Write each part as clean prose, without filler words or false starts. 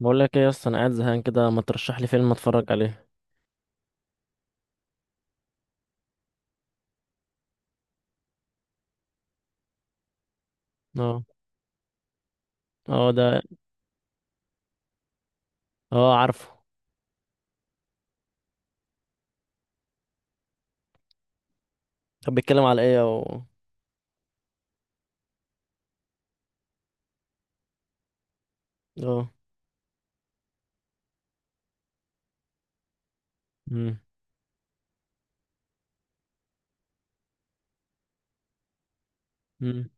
بقول لك ايه يا اسطى؟ انا قاعد زهقان كده، ما ترشح لي فيلم اتفرج عليه. اه. اه ده. اه عارفه. طب بيتكلم على ايه او؟ اه. امم. امم.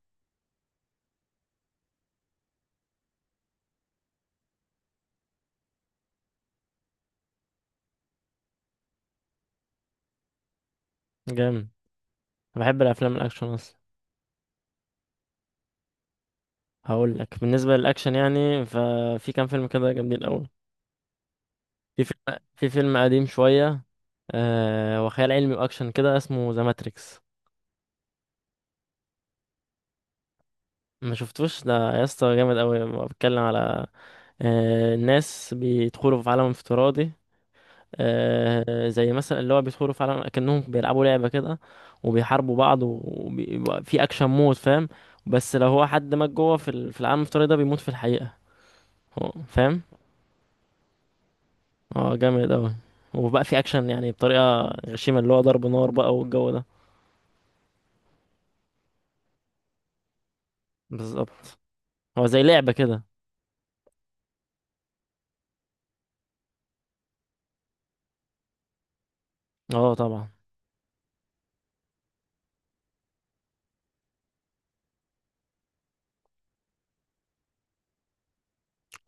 جامد. انا بحب الافلام الاكشن اصلا. هقول لك بالنسبه للاكشن، يعني ففي كام فيلم كده جامدين قوي. في فيلم قديم شويه. وخيال علمي واكشن كده، اسمه ذا ماتريكس. ما شفتوش ده. يا اسطى جامد قوي، بيتكلم على الناس بيدخلوا في عالم افتراضي. زي مثلا اللي هو بيدخلوا فعلا كأنهم بيلعبوا لعبة كده. وبيحاربوا بعض وبيبقى في أكشن مود، فاهم. بس لو هو حد مات جوه في العالم الافتراضي ده بيموت في الحقيقة، هو فاهم. اه جامد أوي. وبقى في أكشن يعني بطريقة غشيمة، اللي هو ضرب نار بقى والجو ده. بالظبط. هو زي لعبة كده. اه طبعا.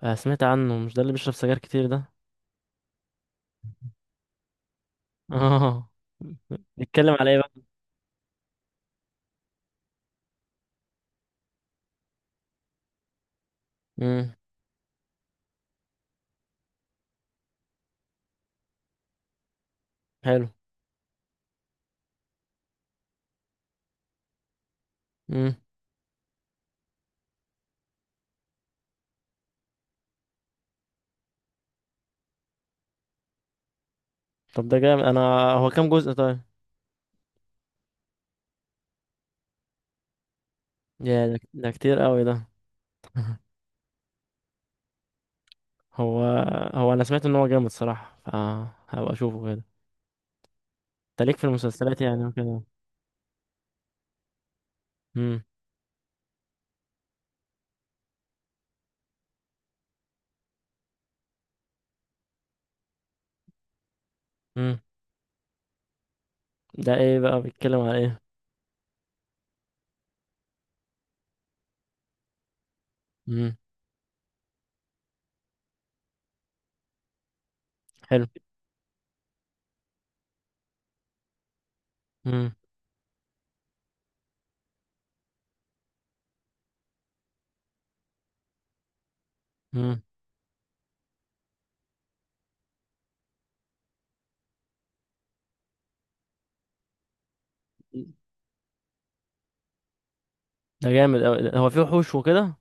سمعت عنه، مش ده اللي بيشرب سجاير كتير ده؟ اه. بيتكلم على ايه بقى؟ امم. حلو. امم. طب ده جامد. انا هو كام جزء طيب؟ يا ده كتير قوي ده. هو هو انا سمعت ان هو جامد صراحه، فهبقى اشوفه كده. انت ليك في المسلسلات يعني وكده؟ امم. امم. ده ايه بقى، بيتكلم على ايه؟ امم. حلو. امم. امم. ده جامد أوي. هو فيه وحوش وكده؟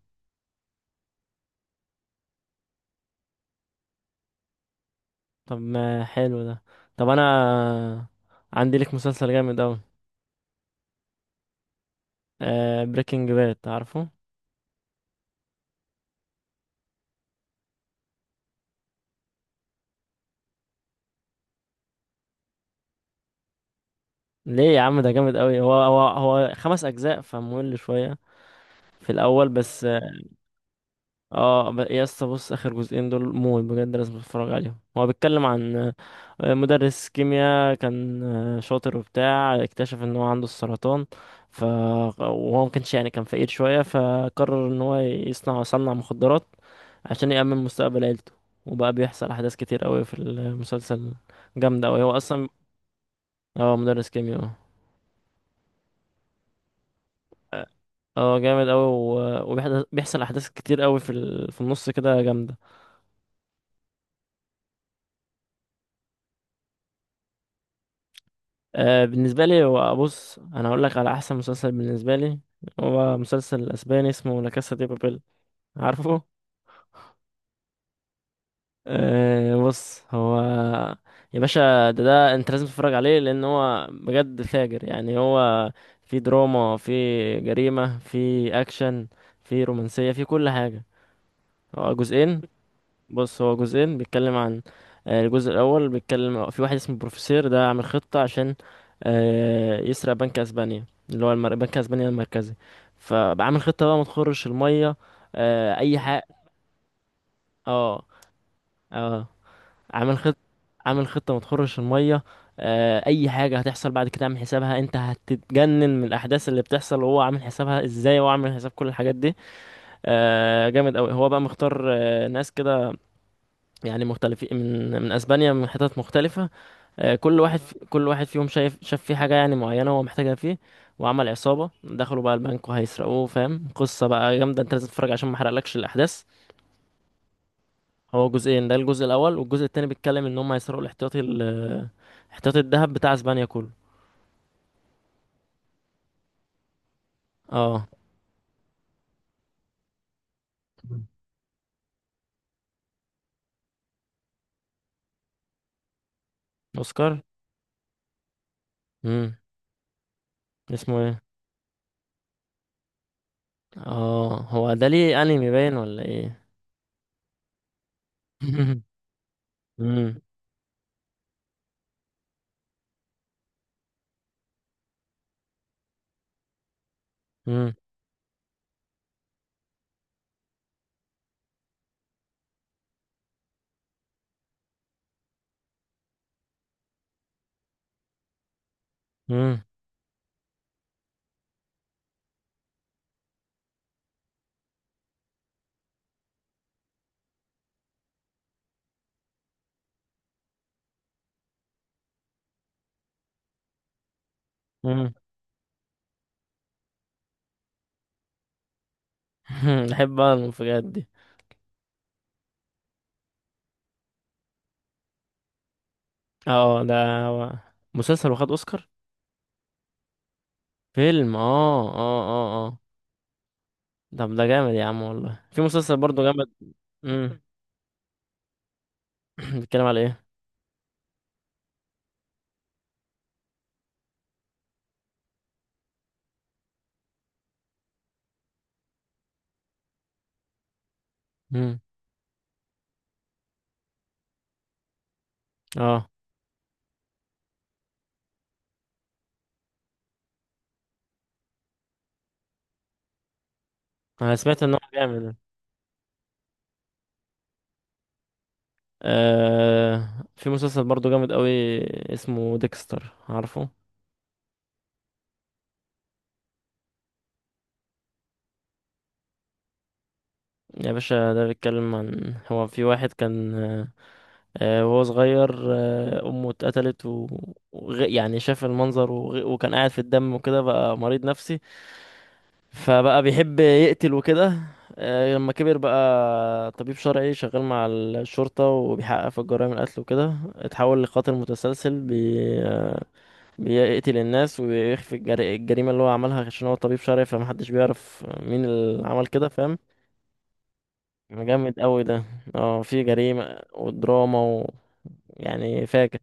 طب ما حلو ده. طب انا عندي ليك مسلسل جامد أوي. بريكنج باد، عارفه؟ ليه يا عم ده جامد أوي. هو خمس اجزاء فممل شويه في الاول بس اه. يا اسطى بص، اخر جزئين دول موت، بجد لازم تتفرج عليهم. هو بيتكلم عن مدرس كيمياء، كان شاطر وبتاع، اكتشف ان هو عنده السرطان. وهو ما كانش، يعني كان فقير شوية، فقرر ان هو يصنع مخدرات عشان يأمن مستقبل عيلته. وبقى بيحصل احداث كتير قوي في المسلسل، جامدة قوي هو اصلا. هو مدرس كيمياء. اه. اه جامد قوي. وبيحصل احداث كتير قوي في النص كده، جامده. بالنسبه لي هو، بص انا هقول لك على احسن مسلسل بالنسبه لي. هو مسلسل اسباني اسمه لا كاسا دي بابيل، عارفه؟ أه. بص هو، يا باشا ده انت لازم تتفرج عليه، لان هو بجد فاجر. يعني هو في دراما، في جريمة، في اكشن، في رومانسية، في كل حاجة. هو جزئين. بص هو جزئين، بيتكلم عن الجزء الاول بيتكلم في واحد اسمه بروفيسير، ده عامل خطة عشان يسرق بنك اسبانيا، اللي هو بنك اسبانيا المركزي. فعامل خطة بقى ما تخرش المية. اي حاجة. اه. اه. عامل خط عامل خطة ما تخرش المية. اي حاجة هتحصل بعد كده عامل حسابها. انت هتتجنن من الاحداث اللي بتحصل، وهو عامل حسابها ازاي، وهو عامل حساب كل الحاجات دي. جامد قوي. هو بقى مختار ناس كده، يعني مختلفين من اسبانيا، من حتت مختلفة. كل واحد فيهم شاف فيه حاجة يعني معينة هو محتاجها فيه. وعمل عصابة، دخلوا بقى البنك وهيسرقوه، فاهم؟ قصة بقى جامدة، انت لازم تتفرج عشان ما احرقلكش الاحداث. هو جزئين. ده الجزء الاول، والجزء التاني بيتكلم ان هم هيسرقوا الاحتياطي ال احتياطي الذهب بتاع اسبانيا كله. اه. اوسكار. امم. اسمه ايه؟ اه، هو ده ليه انمي باين ولا ايه؟ امم. امم. امم. امم. بحب بقى المفاجآت دي. اه ده. هو مسلسل واخد اوسكار؟ فيلم. اه اه اه اه. طب ده جامد يا عم والله. في مسلسل برضه جامد. امم. بيتكلم على ايه؟ امم. اه، انا سمعت ان هو جامد. آه في مسلسل برضو جامد قوي، اسمه ديكستر، عارفه؟ يا باشا ده بيتكلم عن، هو في واحد كان وهو صغير، أمه اتقتلت يعني شاف المنظر، وكان قاعد في الدم، وكده بقى مريض نفسي، فبقى بيحب يقتل وكده. لما كبر بقى طبيب شرعي، شغال مع الشرطة وبيحقق في الجرائم القتل وكده، اتحول لقاتل متسلسل آه، بيقتل الناس ويخفي الجريمة اللي هو عملها، عشان هو طبيب شرعي فمحدش بيعرف مين اللي عمل كده، فاهم. جامد قوي ده. اه، في جريمة ودراما يعني فاجر.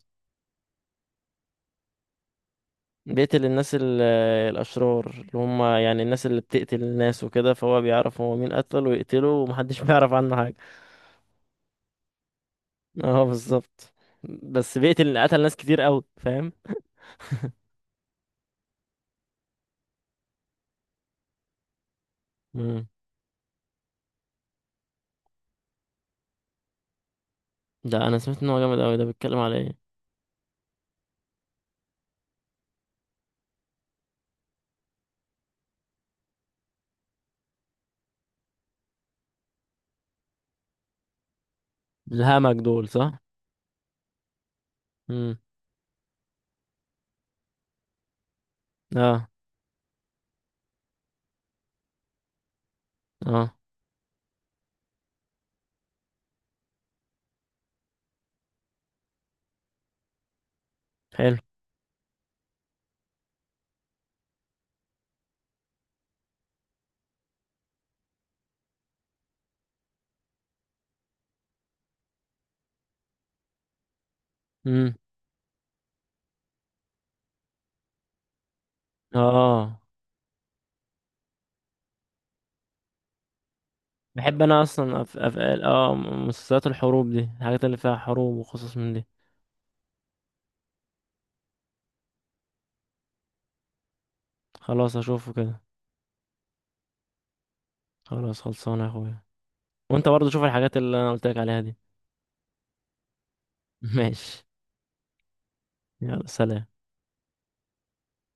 بيقتل الناس الأشرار، اللي هم يعني الناس اللي بتقتل الناس وكده، فهو بيعرف هو مين قتل ويقتله، ومحدش بيعرف عنه حاجة. اه بالظبط. بس قتل ناس كتير قوي، فاهم. مم. ده انا سمعت ان هو جامد قوي. ده بيتكلم على ايه؟ الهمج دول صح. امم. اه. اه حلو. مم. اه بحب انا اصلا أف... أف... اه مسلسلات الحروب دي، الحاجات اللي فيها حروب وقصص من دي. خلاص اشوفه كده. خلاص خلصانه يا اخويا. وانت برضه شوف الحاجات اللي انا قلت لك عليها دي. ماشي. يلا سلام.